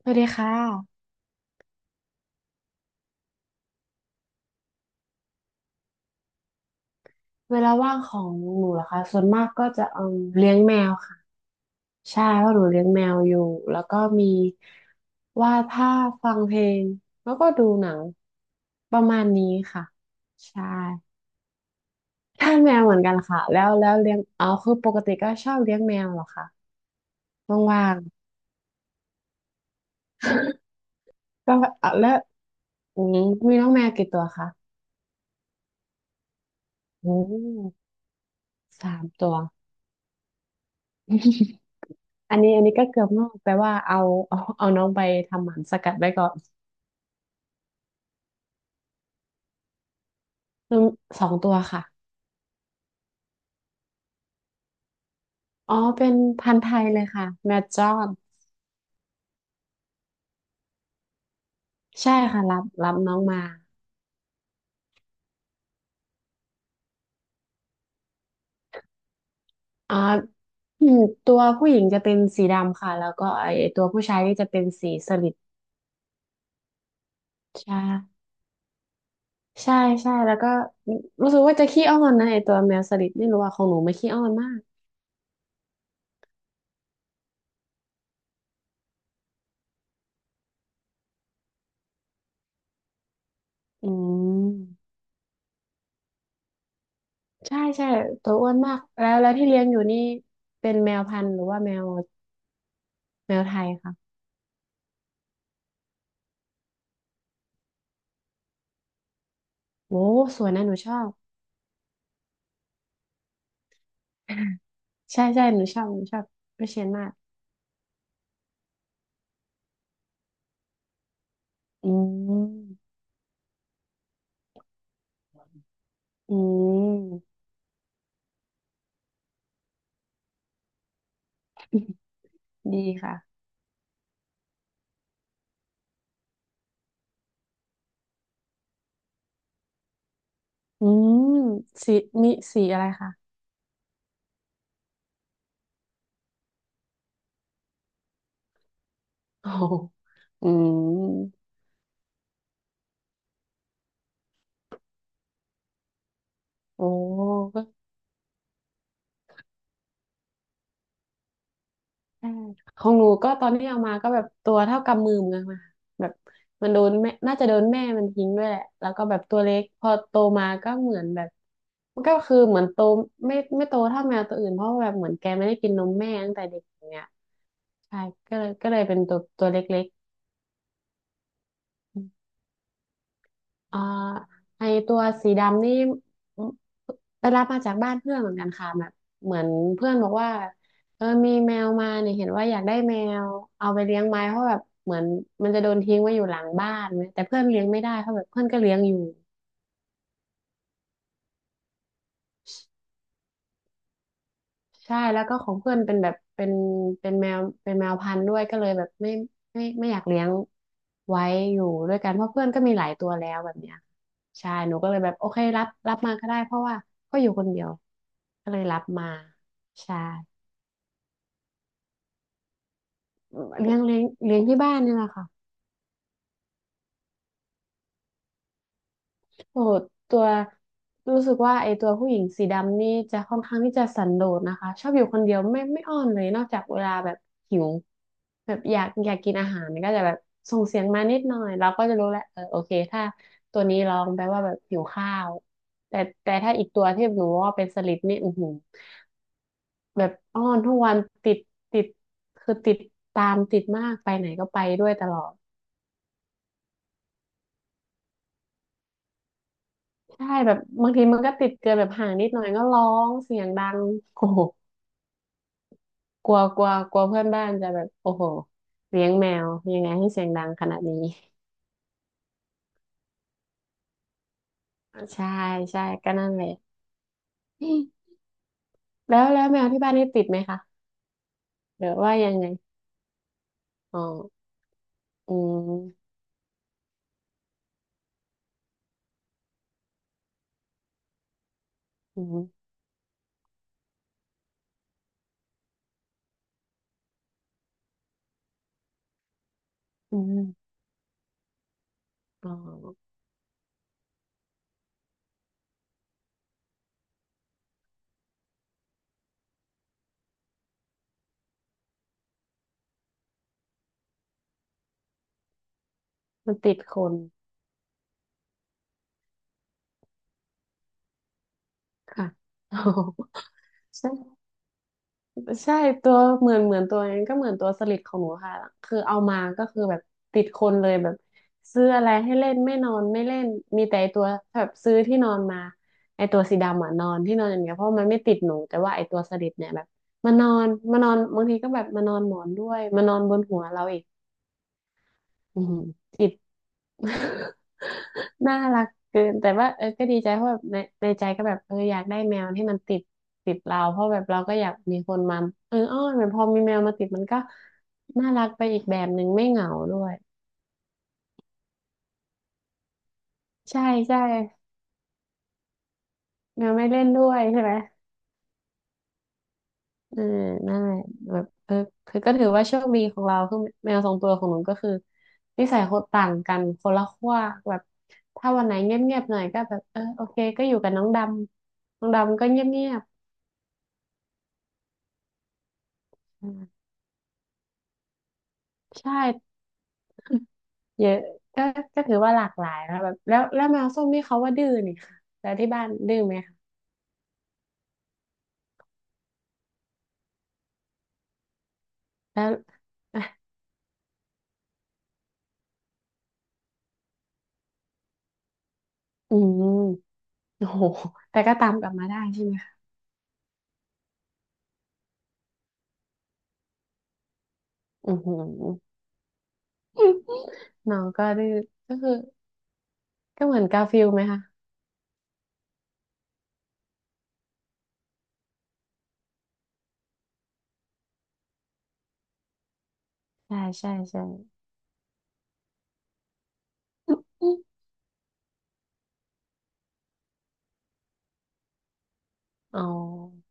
สวัสดีค่ะเวลาว่างของหนูเหรอคะส่วนมากก็จะเอมเลี้ยงแมวค่ะใช่เพราะหนูเลี้ยงแมวอยู่แล้วก็มีวาดภาพฟังเพลงแล้วก็ดูหนังประมาณนี้ค่ะใช่ทานแมวเหมือนกันค่ะแล้วเลี้ยงเอาคือปกติก็ชอบเลี้ยงแมวเหรอคะว่างๆ ก็เอาแล้วอืมมีน้องแมวกี่ตัวคะอืมสามตัว อันนี้ก็เกือบงอกแปลว่าเอาเอาน้องไปทำหมันสกัดไว้ก่อนอืมสองตัวค่ะอ๋อเป็นพันธุ์ไทยเลยค่ะแมดจอนใช่ค่ะรับน้องมาอ่าอืมตัวผู้หญิงจะเป็นสีดำค่ะแล้วก็ไอตัวผู้ชายนี่จะเป็นสีสลิดใช่ใช่ใช่แล้วก็รู้สึกว่าจะขี้อ้อนนะไอตัวแมวสลิดไม่รู้ว่าของหนูไม่ขี้อ้อนมากอืมใช่ใช่ตัวอ้วนมาก แล้วที่เลี้ยงอยู่นี่เป็นแมวพันธุ์หรือว่าแมวไทยค่ะ โอ้สวยนะหนูชอบ ใช่ใช่หนูชอบหนูชอบวิเชียรมากอืมอืมดีค่ะอืมสีมีสีอะไรคะ โอ้โหอืมโอ้ ใช่ของหนูก็ตอนที่เอามาก็แบบตัวเท่ากำมือมึงอะค่ะแบบมันโดนแม่น่าจะโดนแม่มันทิ้งด้วยแหละแล้วก็แบบตัวเล็กพอโตมาก็เหมือนแบบมันก็คือเหมือนโตไม่โตเท่าแมวตัวอื่นเพราะว่าแบบเหมือนแกไม่ได้กินนมแม่ตั้งแต่เด็กอย่างเงี้ยใช่ก็เลยเป็นตัวเล็ก อ่าไอตัวสีดำนี่อไปรับมาจากบ้านเพื่อนเหมือนกันค่ะแบบเหมือนเพื่อนบอกว่าเออมีแมวมาเนี่ยเห็นว่าอยากได้แมวเอาไปเลี้ยงไหมเพราะแบบเหมือนมันจะโดนทิ้งไว้อยู่หลังบ้านแต่เพื่อนเลี้ยงไม่ได้เพราะแบบเพื่อนก็เลี้ยงอยู่ ใช่แล้วก็ของเพื่อนเป็นแบบเป็นแมวเป็นแมวพันธุ์ด้วยก็เลยแบบไม่อยากเลี้ยงไว้อยู่ด้วยกันเพราะเพื่อนก็มีหลายตัวแล้วแบบเนี้ยใช่หนูก็เลยแบบโอเครับมาก็ได้เพราะว่าก็อยู่คนเดียวก็เลยรับมาใช่เลี้ยงที่บ้านนี่แหละค่ะ โอ้ตัวรู้สึกว่าไอ้ตัวผู้หญิงสีดำนี่จะค่อนข้างที่จะสันโดษนะคะชอบอยู่คนเดียวไม่อ้อนเลยนอกจากเวลาแบบหิวแบบอยากกินอาหารก็จะแบบส่งเสียงมานิดหน่อยเราก็จะรู้แหละเออโอเคถ้าตัวนี้ร้องแปลว่าแบบหิวข้าวแต่แต่ถ้าอีกตัวที่หนูว่าเป็นสลิดนี่อือหือแบบอ้อนทุกวันติดติดคือติดตามติดมากไปไหนก็ไปด้วยตลอดใช่แบบบางทีมันก็ติดเกินแบบห่างนิดหน่อยก็ร้องเสียงดังโอ้โห กลัวกลัวกลัวเพื่อนบ้านจะแบบโอ้โหเลี้ยงแมวยังไงให้เสียงดังขนาดนี้ใช่ใช่ก็นั่นแหละแล้วแมวที่บ้านนี่ติดไหมคะหรือว่ายังไงอ๋ออืมอืมอืมอ๋อมันติดคนค่ะ อ๋อใช่ ใช่ตัวเหมือนตัวนั้นก็เหมือนตัวสลิดของหนูค่ะคือเอามาก็คือแบบติดคนเลยแบบซื้ออะไรให้เล่นไม่นอนไม่เล่นมีแต่ไอ้ตัวแบบซื้อที่นอนมาไอตัวสีดำอ่ะนอนที่นอนอย่างเงี้ยเพราะมันไม่ติดหนูแต่ว่าไอตัวสลิดเนี่ยแบบมานอนบางทีก็แบบมานอนหมอนด้วยมานอนบนหัวเราอีกอือหือจิต น่ารักเกินแต่ว่าเออก็ดีใจเพราะแบบในในใจก็แบบเอออยากได้แมวที่มันติดติดเราเพราะแบบเราก็อยากมีคนมาเอออ้อนเหมือนพอมีแมวมาติดมันก็น่ารักไปอีกแบบหนึ่งไม่เหงาด้วยใช่ใช่แมวไม่เล่นด้วยใช่ไหมเออนั่นแหละแบบเออคือก็ถือว่าโชคดีของเราคือแมวสองตัวของหนูก็คือนิสัยคนต่างกันคนละขั้วแบบถ้าวันไหนเงียบๆหน่อยก็แบบเออโอเคก็อยู่กับน้องดำน้องดำก็เงียบๆ ใช่เยอะก็ก็ถือว่าหลากหลายนะแบบแล้วแมวส้มนี่เขาว่าดื้อนี่ค่ะแล้วที่บ้านดื้อไหมคะแล้ว อ่ะอืมโอ้โหแต่ก็ตามกลับมาได้ใช่ไหมคะอือหือน้องก็ดื้อก็คือก็เหมือนกาฟิลไหมคะใช่ใช่ใช่อ๋อ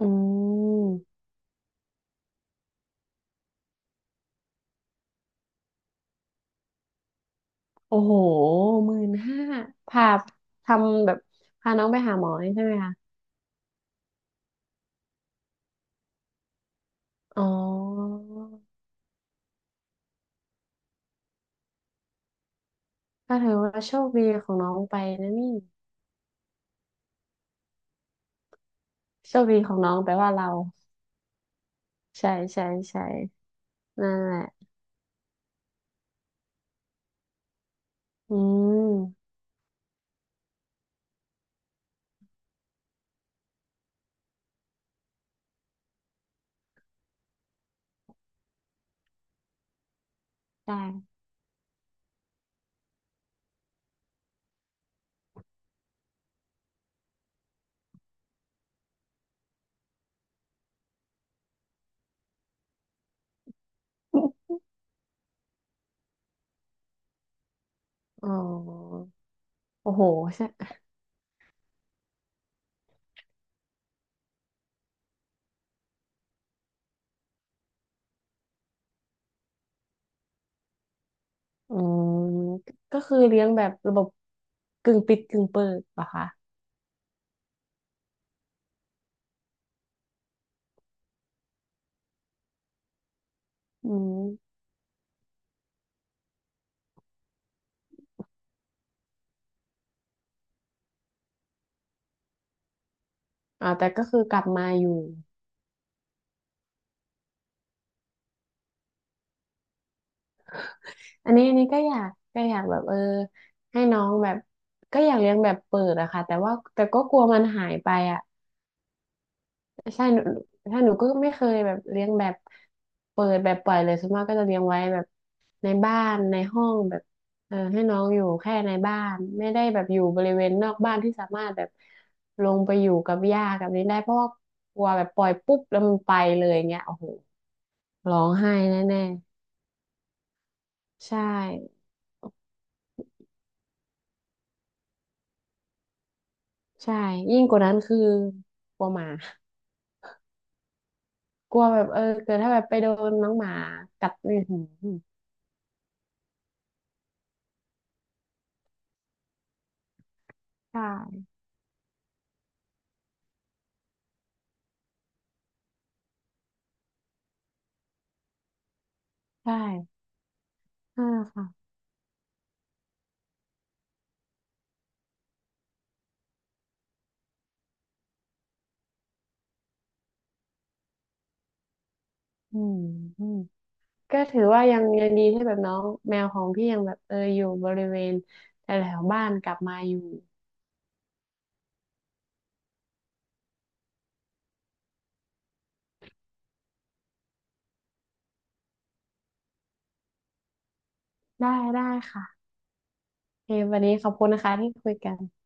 อืมโอ้โห15,000พาทำแบบพาน้องไปหาหมอนี่ใช่ไหมคะอ๋อก็ถือว่าโชคดีของน้องไปนะนี่ โชคดีของน้องแปลว่าเราใช่ใช่ใช่นั่นแหละอืมใช่ อ๋อโอ้โหใช่อืมก็คือเลี้ยงแบบระบบกึ่งปิดกึ่งเปิดเหรอคะอืมอ่าแต่ก็คือกลับมาอยู่อันนี้ก็อยากก็อยากแบบเออให้น้องแบบก็อยากเลี้ยงแบบเปิดอะค่ะแต่ว่าแต่ก็กลัวมันหายไปอะ ใช่หนูก็ไม่เคยแบบเลี้ยงแบบเปิดแบบปล่อยเลยส่วนมากก็จะเลี้ยงไว้แบบในบ้านในห้องแบบเออให้น้องอยู่แค่ในบ้านไม่ได้แบบอยู่บริเวณนอกบ้านที่สามารถแบบลงไปอยู่กับหญ้ากับนี้ได้เพราะว่ากลัวแบบปล่อยปุ๊บแล้วมันไปเลยอย่างเงี้ยโอ้โหร้องไห้แน่ๆใช่ใช่ยิ่งกว่านั้นคือกลัวหมากลัวแบบเออเกิดถ้าแบบไปโดนน้องหมากัดนี่อืมใช่ใช่ใช่ค่ะอืมอืม ก็ถือว่ายังดีที่แบบน้องแมวของพี่ยังแบบเอออยู่บริเวณแถวๆบ้านกลับมาอยู่ได้ได้ค่ะโอเควันนี้ขอบคุณนะคะที่คุยกัน